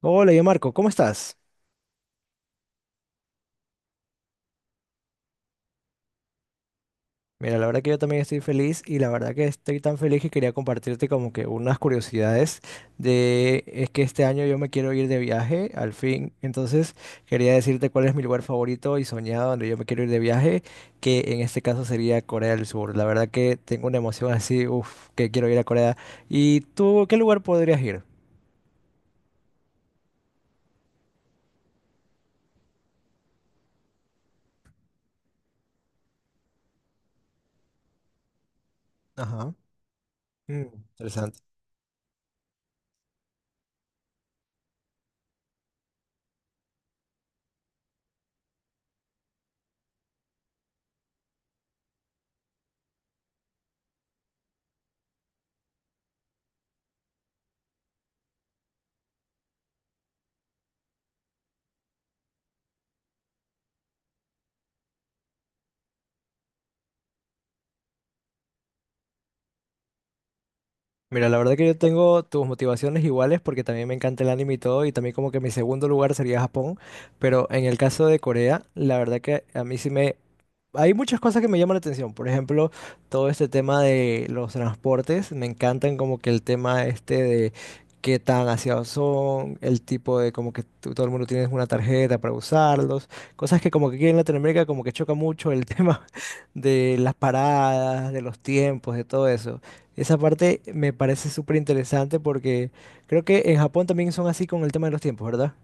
Hola, yo Marco, ¿cómo estás? Mira, la verdad que yo también estoy feliz y la verdad que estoy tan feliz que quería compartirte como que unas curiosidades de es que este año yo me quiero ir de viaje, al fin. Entonces, quería decirte cuál es mi lugar favorito y soñado donde yo me quiero ir de viaje, que en este caso sería Corea del Sur. La verdad que tengo una emoción así, uff, que quiero ir a Corea. ¿Y tú, qué lugar podrías ir? Ajá. Mm, interesante. Mira, la verdad que yo tengo tus motivaciones iguales porque también me encanta el anime y todo, y también como que mi segundo lugar sería Japón, pero en el caso de Corea, la verdad que a mí sí me... Hay muchas cosas que me llaman la atención, por ejemplo, todo este tema de los transportes, me encantan como que el tema este de qué tan aseados son, el tipo de como que todo el mundo tiene una tarjeta para usarlos, cosas que como que aquí en Latinoamérica como que choca mucho el tema de las paradas, de los tiempos, de todo eso. Esa parte me parece súper interesante porque creo que en Japón también son así con el tema de los tiempos, ¿verdad?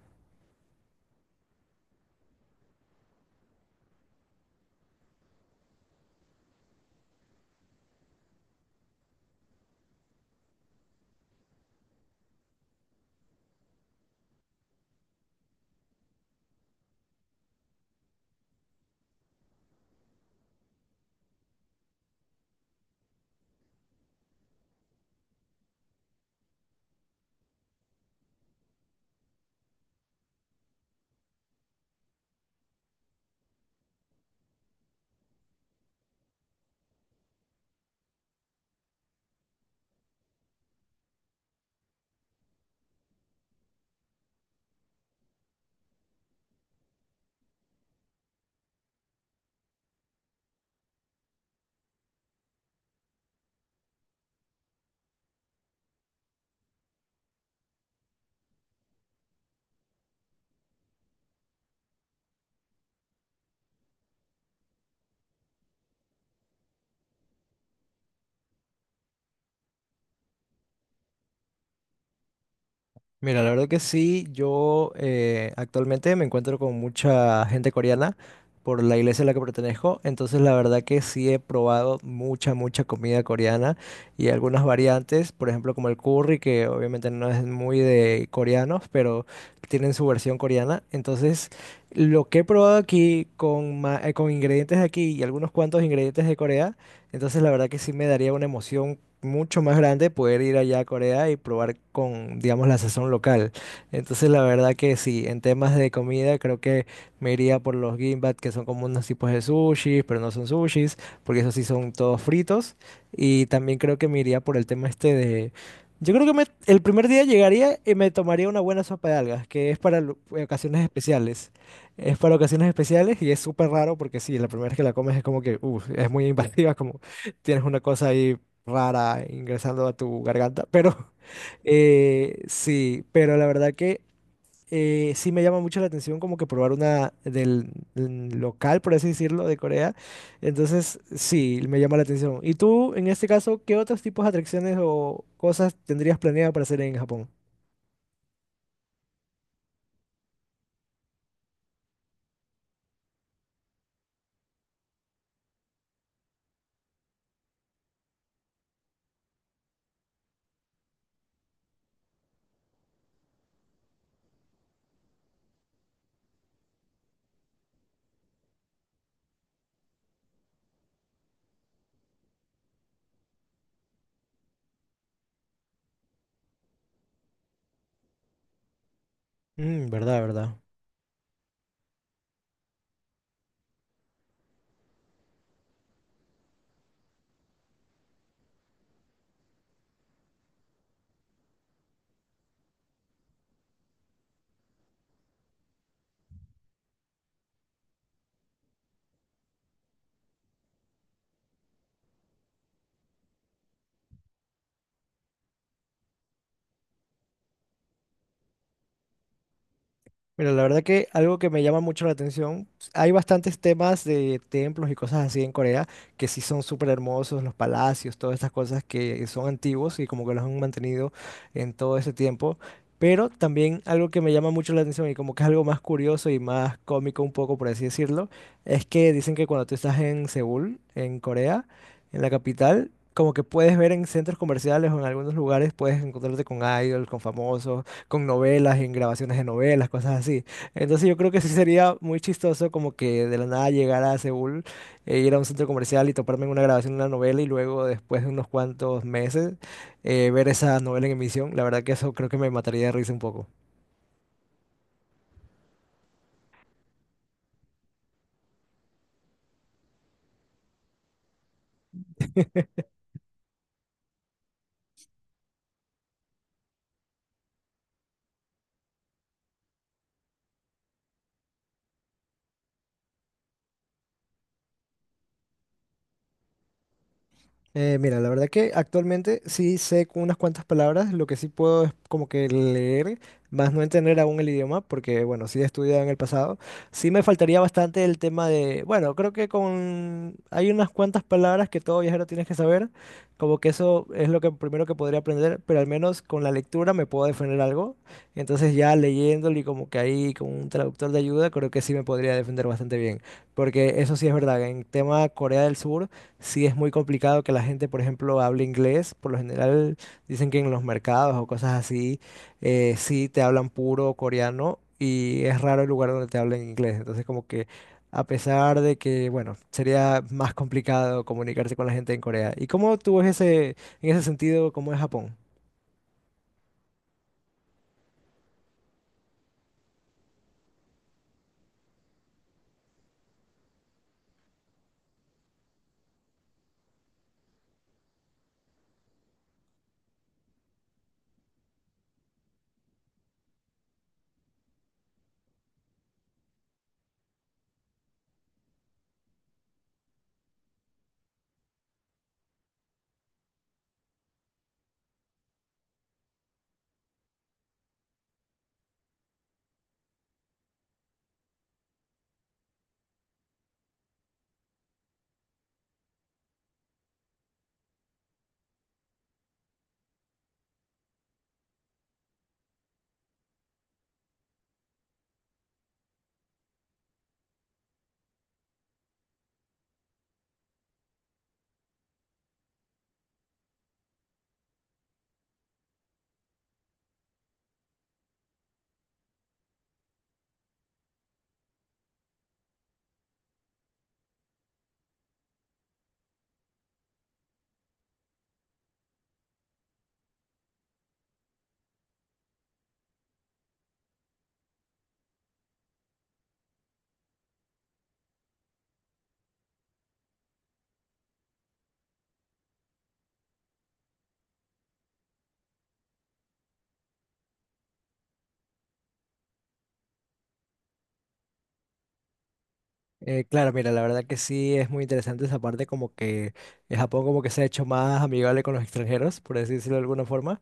Mira, la verdad que sí, yo actualmente me encuentro con mucha gente coreana por la iglesia a la que pertenezco, entonces la verdad que sí he probado mucha comida coreana y algunas variantes, por ejemplo como el curry, que obviamente no es muy de coreanos, pero tienen su versión coreana, entonces lo que he probado aquí con, con ingredientes de aquí y algunos cuantos ingredientes de Corea, entonces la verdad que sí me daría una emoción mucho más grande poder ir allá a Corea y probar con, digamos, la sazón local. Entonces, la verdad que sí, en temas de comida creo que me iría por los gimbap, que son como unos tipos de sushis, pero no son sushis, porque esos sí son todos fritos. Y también creo que me iría por el tema este de... Yo creo que el primer día llegaría y me tomaría una buena sopa de algas, que es para ocasiones especiales. Es para ocasiones especiales y es súper raro porque sí, la primera vez que la comes es como que, uff, es muy invasiva, como tienes una cosa ahí rara ingresando a tu garganta, pero sí, pero la verdad que sí me llama mucho la atención como que probar una del, mm, local, por así decirlo, de Corea. Entonces, sí, me llama la atención. ¿Y tú, en este caso, qué otros tipos de atracciones o cosas tendrías planeado para hacer en Japón? Mm, verdad, verdad. Mira, la verdad que algo que me llama mucho la atención, pues, hay bastantes temas de templos y cosas así en Corea que sí son súper hermosos, los palacios, todas estas cosas que son antiguos y como que los han mantenido en todo ese tiempo. Pero también algo que me llama mucho la atención y como que es algo más curioso y más cómico un poco, por así decirlo, es que dicen que cuando tú estás en Seúl, en Corea, en la capital, como que puedes ver en centros comerciales o en algunos lugares, puedes encontrarte con idols, con famosos con novelas, en grabaciones de novelas, cosas así. Entonces yo creo que sí sería muy chistoso como que de la nada llegar a Seúl, e ir a un centro comercial y toparme en una grabación de una novela y luego después de unos cuantos meses ver esa novela en emisión. La verdad que eso creo que me mataría de risa un poco. Mira, la verdad que actualmente sí sé con unas cuantas palabras, lo que sí puedo es como que leer, más no entender aún el idioma, porque bueno, sí he estudiado en el pasado. Sí me faltaría bastante el tema de, bueno, creo que con hay unas cuantas palabras que todo viajero tienes que saber, como que eso es lo que primero que podría aprender, pero al menos con la lectura me puedo defender algo. Entonces ya leyéndolo y como que ahí con un traductor de ayuda, creo que sí me podría defender bastante bien, porque eso sí es verdad, en tema Corea del Sur. Sí, es muy complicado que la gente, por ejemplo, hable inglés. Por lo general dicen que en los mercados o cosas así, sí te hablan puro coreano y es raro el lugar donde te hablan inglés. Entonces, como que a pesar de que, bueno, sería más complicado comunicarse con la gente en Corea. ¿Y cómo tú ves ese, en ese sentido, cómo es Japón? Claro, mira, la verdad que sí es muy interesante esa parte, como que Japón como que se ha hecho más amigable con los extranjeros, por así decirlo de alguna forma.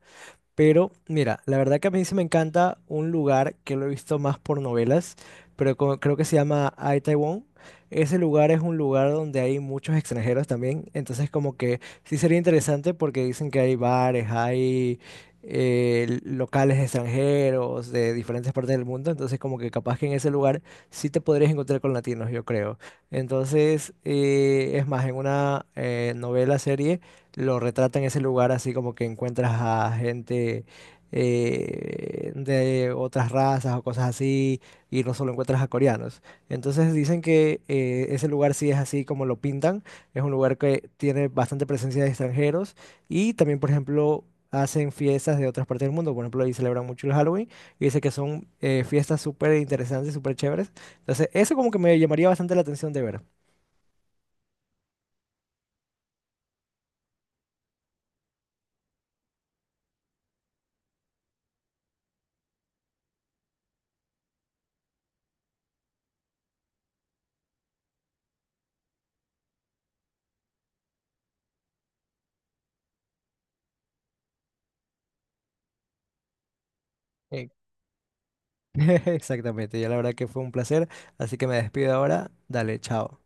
Pero mira, la verdad que a mí sí me encanta un lugar que lo he visto más por novelas, pero creo que se llama Ai Taiwán. Ese lugar es un lugar donde hay muchos extranjeros también, entonces como que sí sería interesante porque dicen que hay bares, hay locales extranjeros de diferentes partes del mundo, entonces como que capaz que en ese lugar sí te podrías encontrar con latinos, yo creo. Entonces, es más, en una novela serie lo retrata en ese lugar así como que encuentras a gente de otras razas o cosas así y no solo encuentras a coreanos. Entonces dicen que ese lugar sí es así como lo pintan, es un lugar que tiene bastante presencia de extranjeros y también por ejemplo hacen fiestas de otras partes del mundo, por ejemplo ahí celebran mucho el Halloween y dice que son fiestas súper interesantes, súper chéveres. Entonces eso como que me llamaría bastante la atención de ver. Eh, Exactamente, ya la verdad que fue un placer, así que me despido ahora. Dale, chao.